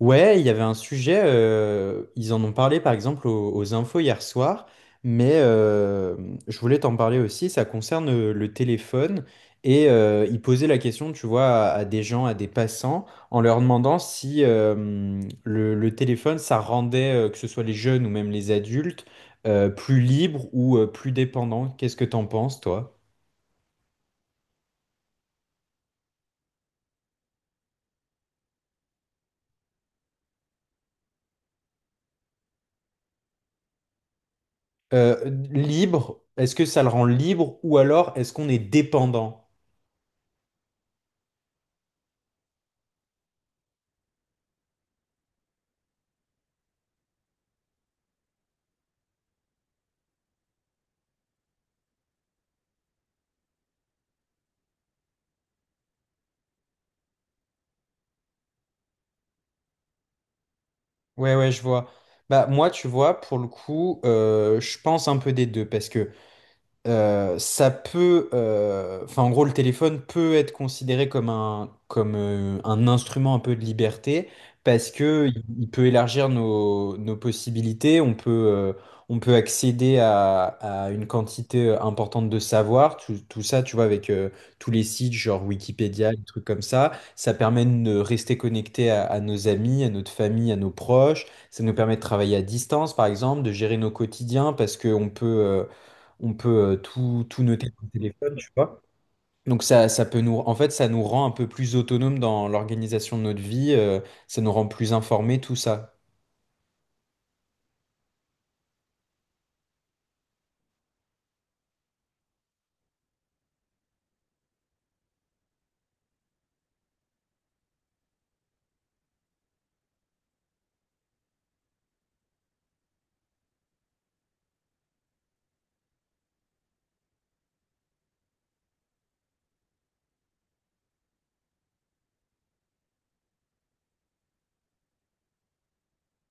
Ouais, il y avait un sujet, ils en ont parlé par exemple aux infos hier soir, mais je voulais t'en parler aussi, ça concerne le téléphone, et ils posaient la question, tu vois, à des gens, à des passants, en leur demandant si le téléphone, ça rendait, que ce soit les jeunes ou même les adultes, plus libres ou plus dépendants. Qu'est-ce que t'en penses, toi? Euh, Libre, est-ce que ça le rend libre ou alors est-ce qu'on est dépendant? Ouais, ouais, je vois. Bah, moi, tu vois, pour le coup, je pense un peu des deux parce que ça peut, enfin en gros le téléphone peut être considéré comme un instrument un peu de liberté parce que il peut élargir nos possibilités, on peut accéder à une quantité importante de savoir, tout ça tu vois avec tous les sites genre Wikipédia, des trucs comme ça permet de rester connecté à nos amis, à notre famille, à nos proches, ça nous permet de travailler à distance par exemple, de gérer nos quotidiens parce que on peut tout noter sur le téléphone, tu vois. Donc ça peut nous, en fait, ça nous rend un peu plus autonomes dans l'organisation de notre vie, ça nous rend plus informés, tout ça.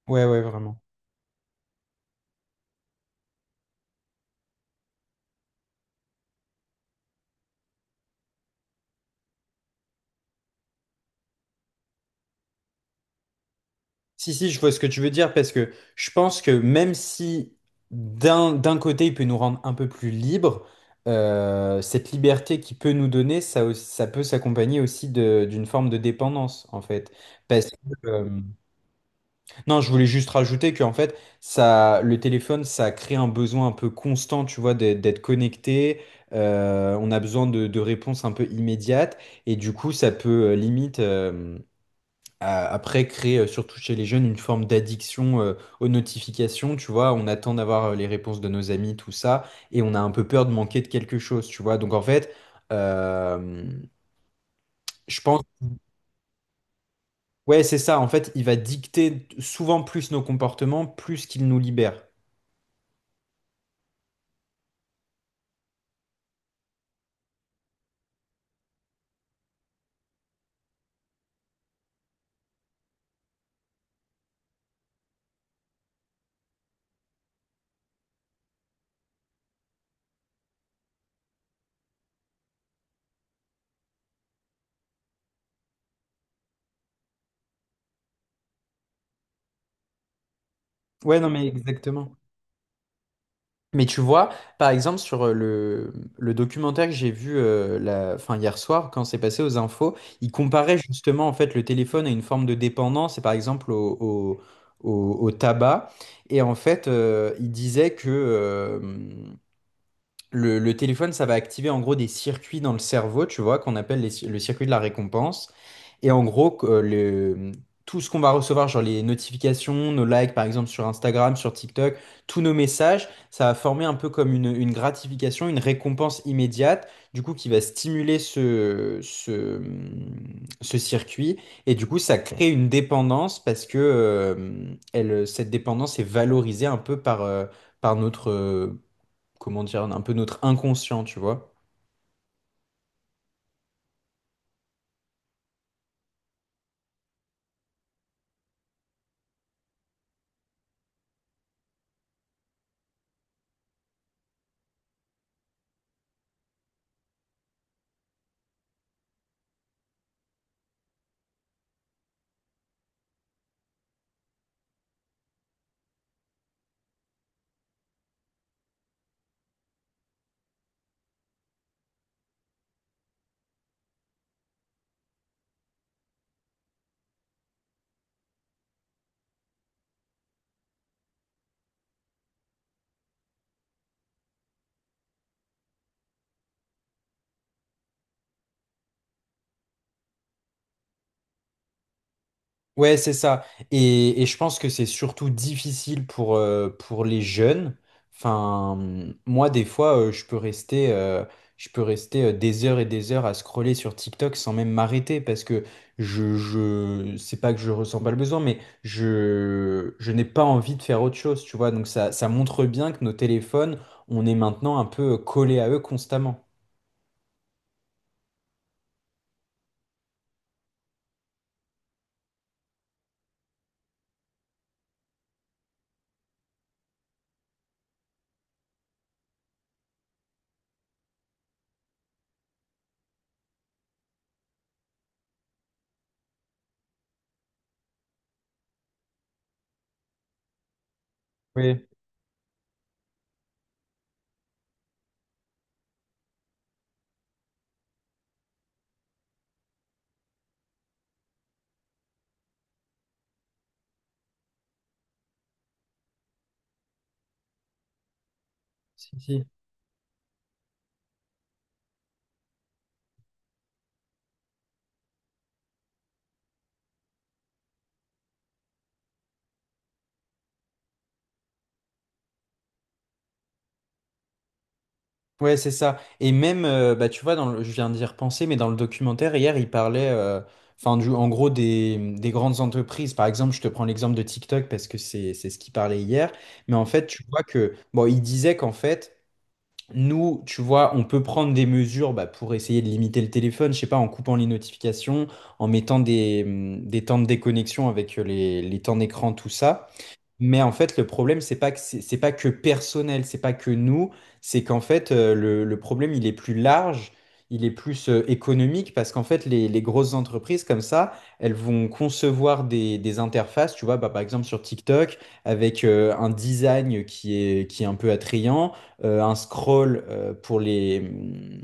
Ouais, ouais, vraiment. Si, si, je vois ce que tu veux dire parce que je pense que même si d'un côté il peut nous rendre un peu plus libres, cette liberté qu'il peut nous donner, ça, ça peut s'accompagner aussi d'une forme de dépendance en fait. Parce que, non, je voulais juste rajouter qu'en fait, ça, le téléphone, ça crée un besoin un peu constant, tu vois, d'être connecté. On a besoin de réponses un peu immédiates. Et du coup, ça peut limite, après, créer, surtout chez les jeunes, une forme d'addiction aux notifications. Tu vois, on attend d'avoir les réponses de nos amis, tout ça. Et on a un peu peur de manquer de quelque chose, tu vois. Donc, en fait, euh, je pense... Ouais, c'est ça. En fait, il va dicter souvent plus nos comportements, plus qu'il nous libère. Ouais, non, mais exactement. Mais tu vois, par exemple, sur le documentaire que j'ai vu la, fin, hier soir, quand c'est passé aux infos, il comparait justement en fait le téléphone à une forme de dépendance, et par exemple au tabac. Et en fait, il disait que le téléphone, ça va activer en gros des circuits dans le cerveau, tu vois, qu'on appelle les le circuit de la récompense. Et en gros, que, tout ce qu'on va recevoir, genre les notifications, nos likes par exemple sur Instagram, sur TikTok, tous nos messages, ça va former un peu comme une gratification, une récompense immédiate, du coup qui va stimuler ce circuit. Et du coup, ça crée une dépendance parce que elle, cette dépendance est valorisée un peu par, par notre, comment dire, un peu notre inconscient, tu vois. Ouais, c'est ça. Et je pense que c'est surtout difficile pour les jeunes. Enfin, moi, des fois, je peux rester des heures et des heures à scroller sur TikTok sans même m'arrêter parce que c'est pas que je ressens pas le besoin, mais je n'ai pas envie de faire autre chose, tu vois. Donc ça montre bien que nos téléphones, on est maintenant un peu collés à eux constamment. Oui, si, si. Ouais, c'est ça. Et même, bah, tu vois, je viens d'y repenser, mais dans le documentaire, hier, il parlait, enfin, du, en gros, des grandes entreprises. Par exemple, je te prends l'exemple de TikTok parce que c'est ce qu'il parlait hier. Mais en fait, tu vois que, bon, il disait qu'en fait, nous, tu vois, on peut prendre des mesures bah, pour essayer de limiter le téléphone, je sais pas, en coupant les notifications, en mettant des temps de déconnexion avec les temps d'écran, tout ça. Mais en fait, le problème, c'est pas que c'est pas que personnel, c'est pas que nous, c'est qu'en fait, le problème, il est plus large, il est plus économique, parce qu'en fait, les grosses entreprises comme ça, elles vont concevoir des interfaces, tu vois, bah, par exemple sur TikTok, avec un design qui est un peu attrayant, un scroll pour les,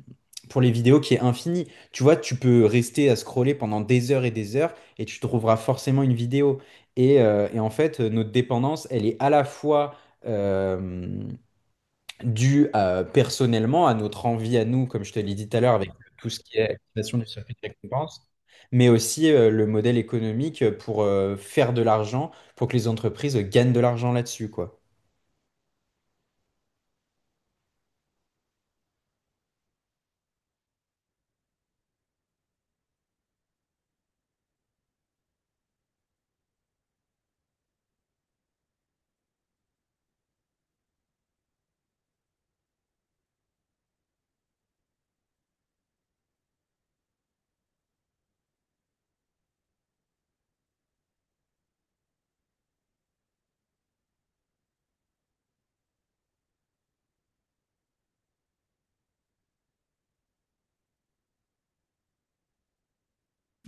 pour les vidéos qui est infini. Tu vois, tu peux rester à scroller pendant des heures, et tu trouveras forcément une vidéo. Et en fait, notre dépendance, elle est à la fois euh, personnellement à notre envie à nous, comme je te l'ai dit tout à l'heure, avec tout ce qui est activation du circuit de récompense, mais aussi le modèle économique pour faire de l'argent, pour que les entreprises gagnent de l'argent là-dessus, quoi.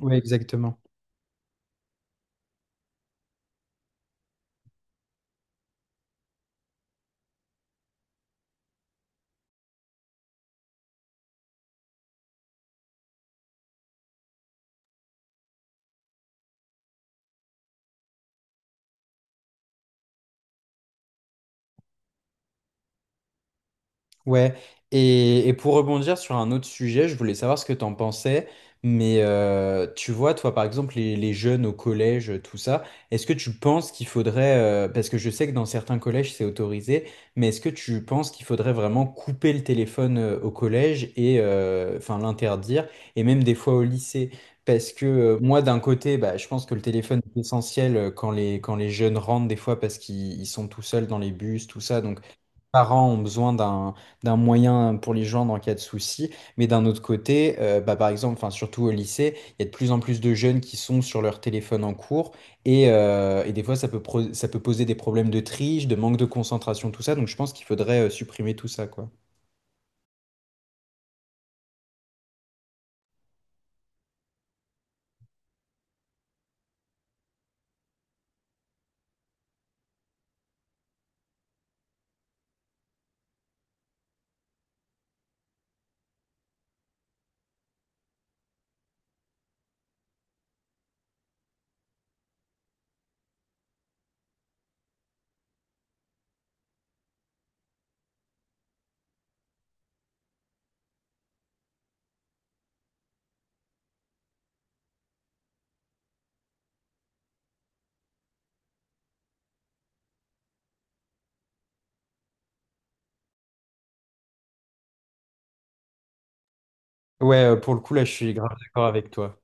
Oui, exactement. Ouais, et pour rebondir sur un autre sujet, je voulais savoir ce que t'en pensais, mais tu vois, toi par exemple, les jeunes au collège, tout ça, est-ce que tu penses qu'il faudrait, parce que je sais que dans certains collèges c'est autorisé, mais est-ce que tu penses qu'il faudrait vraiment couper le téléphone au collège et enfin l'interdire, et même des fois au lycée? Parce que moi d'un côté, bah, je pense que le téléphone est essentiel quand les jeunes rentrent des fois parce qu'ils sont tout seuls dans les bus, tout ça, donc parents ont besoin d'un d'un moyen pour les joindre en cas de souci, mais d'un autre côté, bah, par exemple, enfin surtout au lycée, il y a de plus en plus de jeunes qui sont sur leur téléphone en cours et des fois ça peut ça peut poser des problèmes de triche, de manque de concentration, tout ça. Donc je pense qu'il faudrait supprimer tout ça, quoi. Ouais, pour le coup là, je suis grave d'accord avec toi.